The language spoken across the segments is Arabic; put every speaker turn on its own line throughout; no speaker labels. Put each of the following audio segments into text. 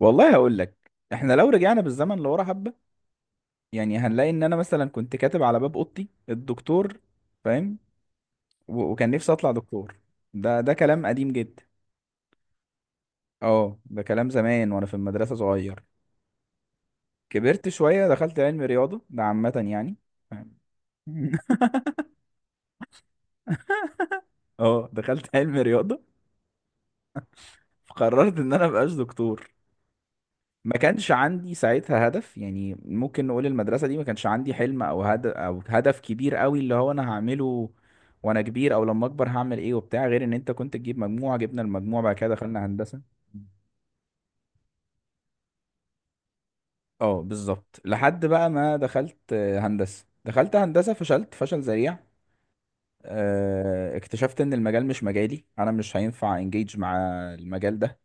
والله هقول لك، احنا لو رجعنا بالزمن لورا حبه، يعني هنلاقي ان انا مثلا كنت كاتب على باب اوضتي الدكتور. فاهم؟ وكان نفسي اطلع دكتور. ده كلام قديم جدا. اه، ده كلام زمان وانا في المدرسه صغير. كبرت شويه دخلت علم رياضه، ده عامه يعني. فاهم؟ اه، دخلت علم رياضه، فقررت ان انا مبقاش دكتور. ما كانش عندي ساعتها هدف، يعني ممكن نقول المدرسة دي ما كانش عندي حلم او هدف، او هدف كبير قوي اللي هو انا هعمله وانا كبير، او لما اكبر هعمل ايه وبتاع، غير ان انت كنت تجيب مجموعة، جبنا المجموع بعد كده دخلنا هندسة. اه بالظبط، لحد بقى ما دخلت هندسة. دخلت هندسة فشلت فشل ذريع. اكتشفت ان المجال مش مجالي، انا مش هينفع انجيج مع المجال ده.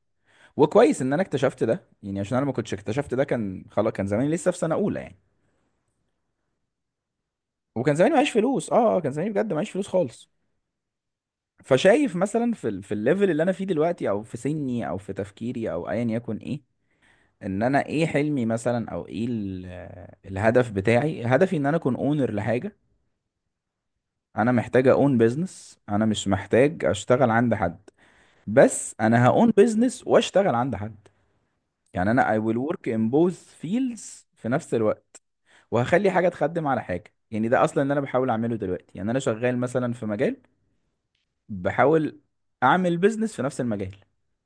وكويس ان انا اكتشفت ده، يعني عشان انا ما كنتش اكتشفت ده كان خلاص، كان زماني لسه في سنة اولى يعني. وكان زماني معيش فلوس، اه كان زماني بجد معيش فلوس خالص. فشايف مثلا في الليفل اللي انا فيه دلوقتي، او في سني، او في تفكيري، او ايا يكن ايه، ان انا ايه حلمي مثلا، او ايه الهدف بتاعي. هدفي ان انا اكون اونر لحاجه. انا محتاج اون بيزنس، انا مش محتاج اشتغل عند حد. بس انا هاون بيزنس واشتغل عند حد. يعني انا I will work in both fields في نفس الوقت. وهخلي حاجه تخدم على حاجه. يعني ده اصلا اللي انا بحاول اعمله دلوقتي، يعني انا شغال مثلا في مجال، بحاول اعمل بيزنس في نفس المجال،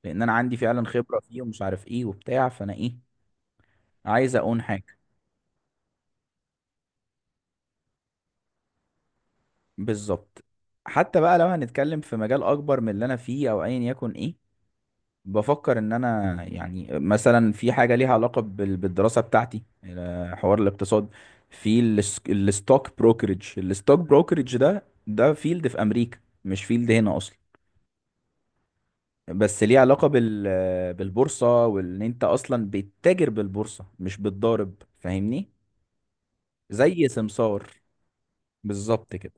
لان انا عندي فعلا خبرة فيه، ومش عارف ايه وبتاع. فانا ايه، عايز اقون حاجة. بالظبط. حتى بقى لو هنتكلم في مجال اكبر من اللي انا فيه او ايا يكن ايه، بفكر ان انا يعني مثلا في حاجة ليها علاقة بالدراسة بتاعتي، حوار الاقتصاد. الستوك بروكرج. الستوك بروكرج ده فيلد في امريكا، مش فيلد هنا اصلا. بس ليه علاقة بال، بالبورصة، وان انت اصلا بتتاجر بالبورصة مش بتضارب، فاهمني؟ زي سمسار. بالظبط كده.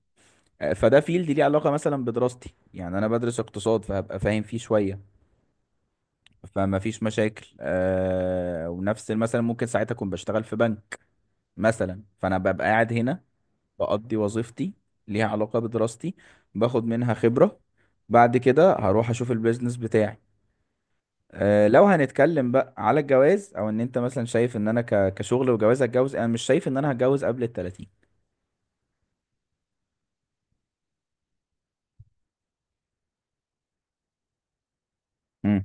فده فيلد ليه علاقة مثلا بدراستي، يعني انا بدرس اقتصاد فهبقى فاهم فيه شوية. فما فيش مشاكل. آه ونفس مثلا ممكن ساعتها اكون بشتغل في بنك مثلا، فانا ببقى قاعد هنا بقضي وظيفتي ليها علاقة بدراستي، باخد منها خبرة، بعد كده هروح اشوف البيزنس بتاعي. لو هنتكلم بقى على الجواز، او ان انت مثلا شايف ان انا كشغل وجواز هتجوز، انا مش شايف ان انا هتجوز قبل ال 30. امم.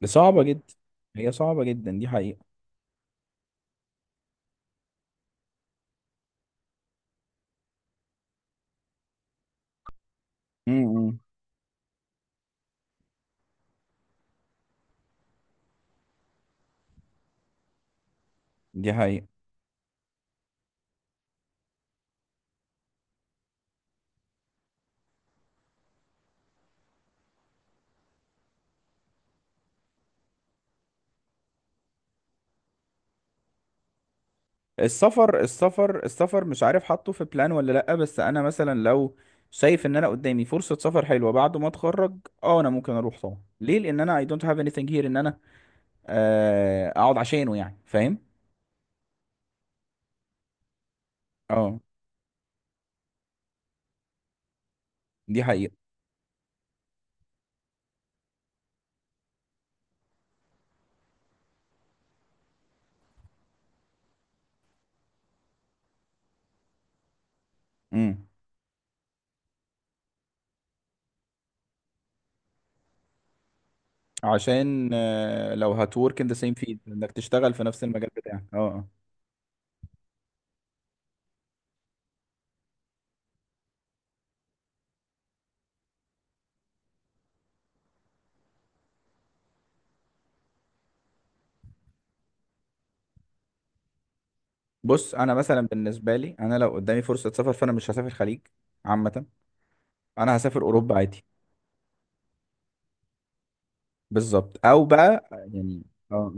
دي صعبة جدا. هي صعبة جدا، دي حقيقة. امم. دي حقيقة. السفر السفر، مش عارف حاطه في بلان ولا لأ. بس انا مثلا لو شايف ان انا قدامي فرصة سفر حلوة بعد ما اتخرج، اه انا ممكن اروح طبعا. ليه؟ لان انا I don't have anything here ان انا اقعد عشانه، يعني فاهم. اه دي حقيقة. امم. عشان لو هتورك ان ذا سيم فيلد، انك تشتغل في نفس المجال بتاعك، اه آه. بص انا مثلا بالنسبه لي، انا لو قدامي فرصه سفر فانا مش هسافر خليج عامه. انا هسافر اوروبا عادي. بالظبط. او بقى يعني، اه،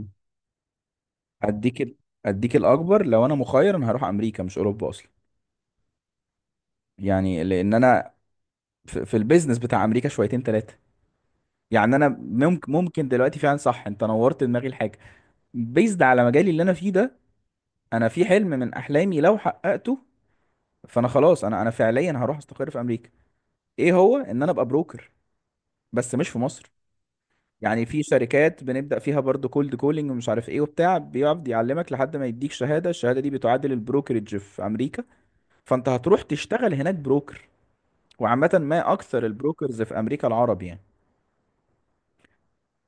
اديك ال- اديك الاكبر. لو انا مخير انا هروح امريكا مش اوروبا اصلا. يعني لان انا في البيزنس بتاع امريكا شويتين ثلاثه. يعني انا ممكن، ممكن دلوقتي فعلا صح، انت نورت دماغي الحاجه بيزد على مجالي اللي انا فيه ده. انا في حلم من احلامي، لو حققته فانا خلاص، انا فعليا هروح استقر في امريكا. ايه هو؟ ان انا ابقى بروكر، بس مش في مصر. يعني في شركات بنبدا فيها برضو كولد كولينج ومش عارف ايه وبتاع، بيقعد يعلمك لحد ما يديك شهاده، الشهاده دي بتعادل البروكرج في امريكا. فانت هتروح تشتغل هناك بروكر. وعامه ما اكثر البروكرز في امريكا العرب يعني.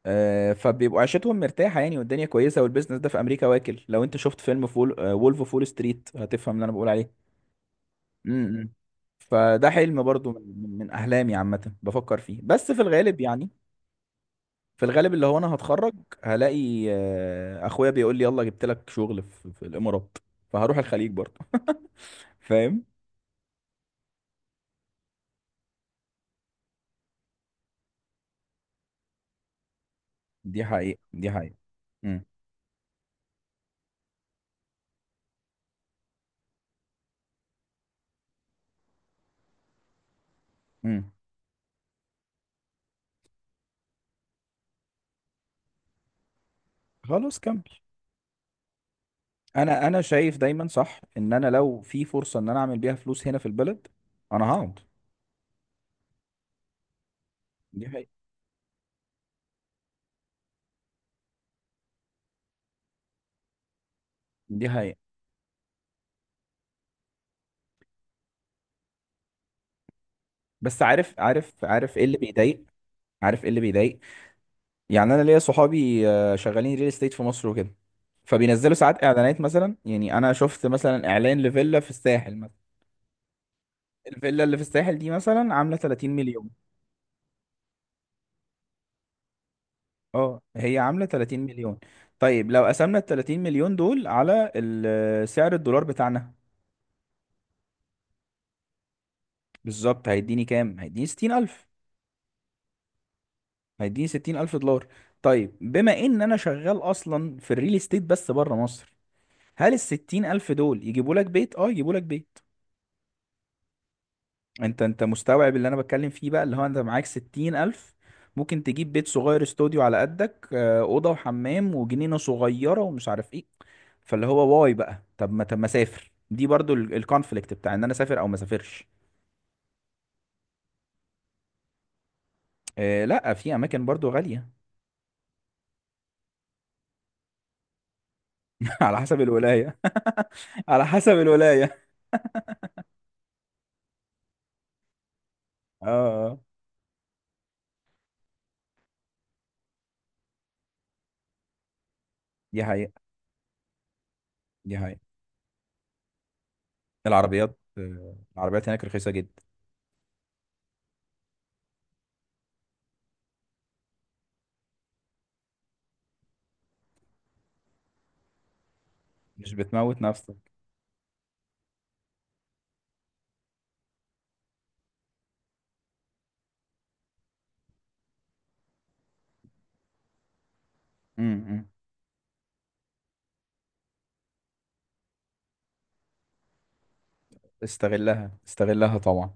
فبيبقوا عيشتهم مرتاحه يعني، والدنيا كويسه، والبيزنس ده في امريكا واكل. لو انت شفت فيلم فول وولف اوف وول ستريت هتفهم اللي انا بقول عليه. م- م. فده حلم برضو من احلامي عامه، بفكر فيه بس في الغالب يعني. في الغالب اللي هو انا هتخرج، هلاقي اخويا بيقول لي يلا جبت لك شغل في الامارات، فهروح الخليج برضو. فاهم. دي حقيقة، دي حقيقة. امم. امم. خلاص كمل. انا، شايف دايما صح ان انا لو في فرصة ان انا اعمل بيها فلوس هنا في البلد انا هقعد. دي حقيقة. دي حقيقة. بس عارف، عارف ايه اللي بيضايق؟ عارف ايه اللي بيضايق؟ يعني انا ليا صحابي شغالين ريل استيت في مصر وكده، فبينزلوا ساعات اعلانات مثلا. يعني انا شفت مثلا اعلان لفيلا في الساحل مثلا. الفيلا اللي في الساحل دي مثلا عامله 30 مليون. اه هي عامله 30 مليون. طيب لو قسمنا ال 30 مليون دول على سعر الدولار بتاعنا، بالظبط هيديني كام؟ هيديني 60,000. هيديني 60,000 دولار. طيب بما ان انا شغال اصلا في الريل استيت بس بره مصر، هل ال 60,000 دول يجيبوا لك بيت؟ اه يجيبوا لك بيت. انت، مستوعب اللي انا بتكلم فيه بقى، اللي هو انت معاك ستين الف، ممكن تجيب بيت صغير، استوديو على قدك، اوضه وحمام وجنينه صغيره ومش عارف ايه. فاللي هو واي بقى؟ طب ما، طب ما اسافر. دي برضو الكونفليكت بتاع ان انا اسافر او ما اسافرش. لا في اماكن برضو غاليه. على حسب الولايه. على حسب الولايه. اه آه، دي حقيقه، دي حقيقه. العربيات، العربيات هناك رخيصه جدا. مش بتموت نفسك. م- م. استغلها، استغلها طبعا.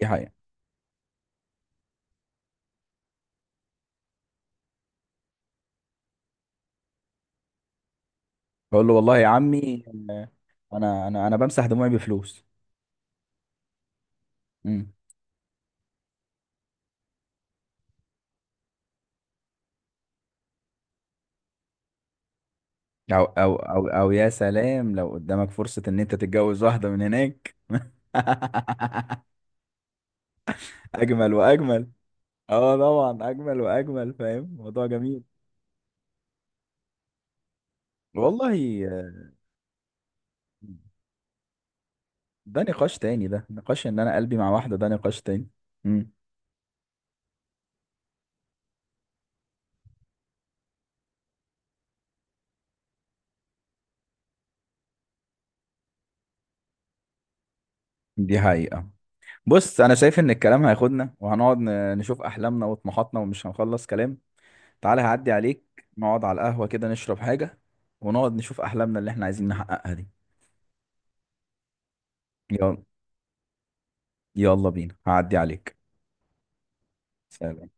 دي حقيقه. بقول له والله يا عمي، آه، انا، انا بمسح دموعي بفلوس. مم. او او يا سلام، لو قدامك فرصة ان انت تتجوز واحدة من هناك. اجمل واجمل. اه طبعا، اجمل واجمل. فاهم، موضوع جميل. والله آه، ده نقاش تاني. ده نقاش ان انا قلبي مع واحدة، ده نقاش تاني. مم. دي حقيقة. بص انا شايف ان الكلام هياخدنا وهنقعد نشوف احلامنا وطموحاتنا ومش هنخلص كلام. تعالى هعدي عليك، نقعد على القهوة كده نشرب حاجة، ونقعد نشوف أحلامنا اللي احنا عايزين نحققها دي. يلا، يلا بينا، هعدي عليك. سلام.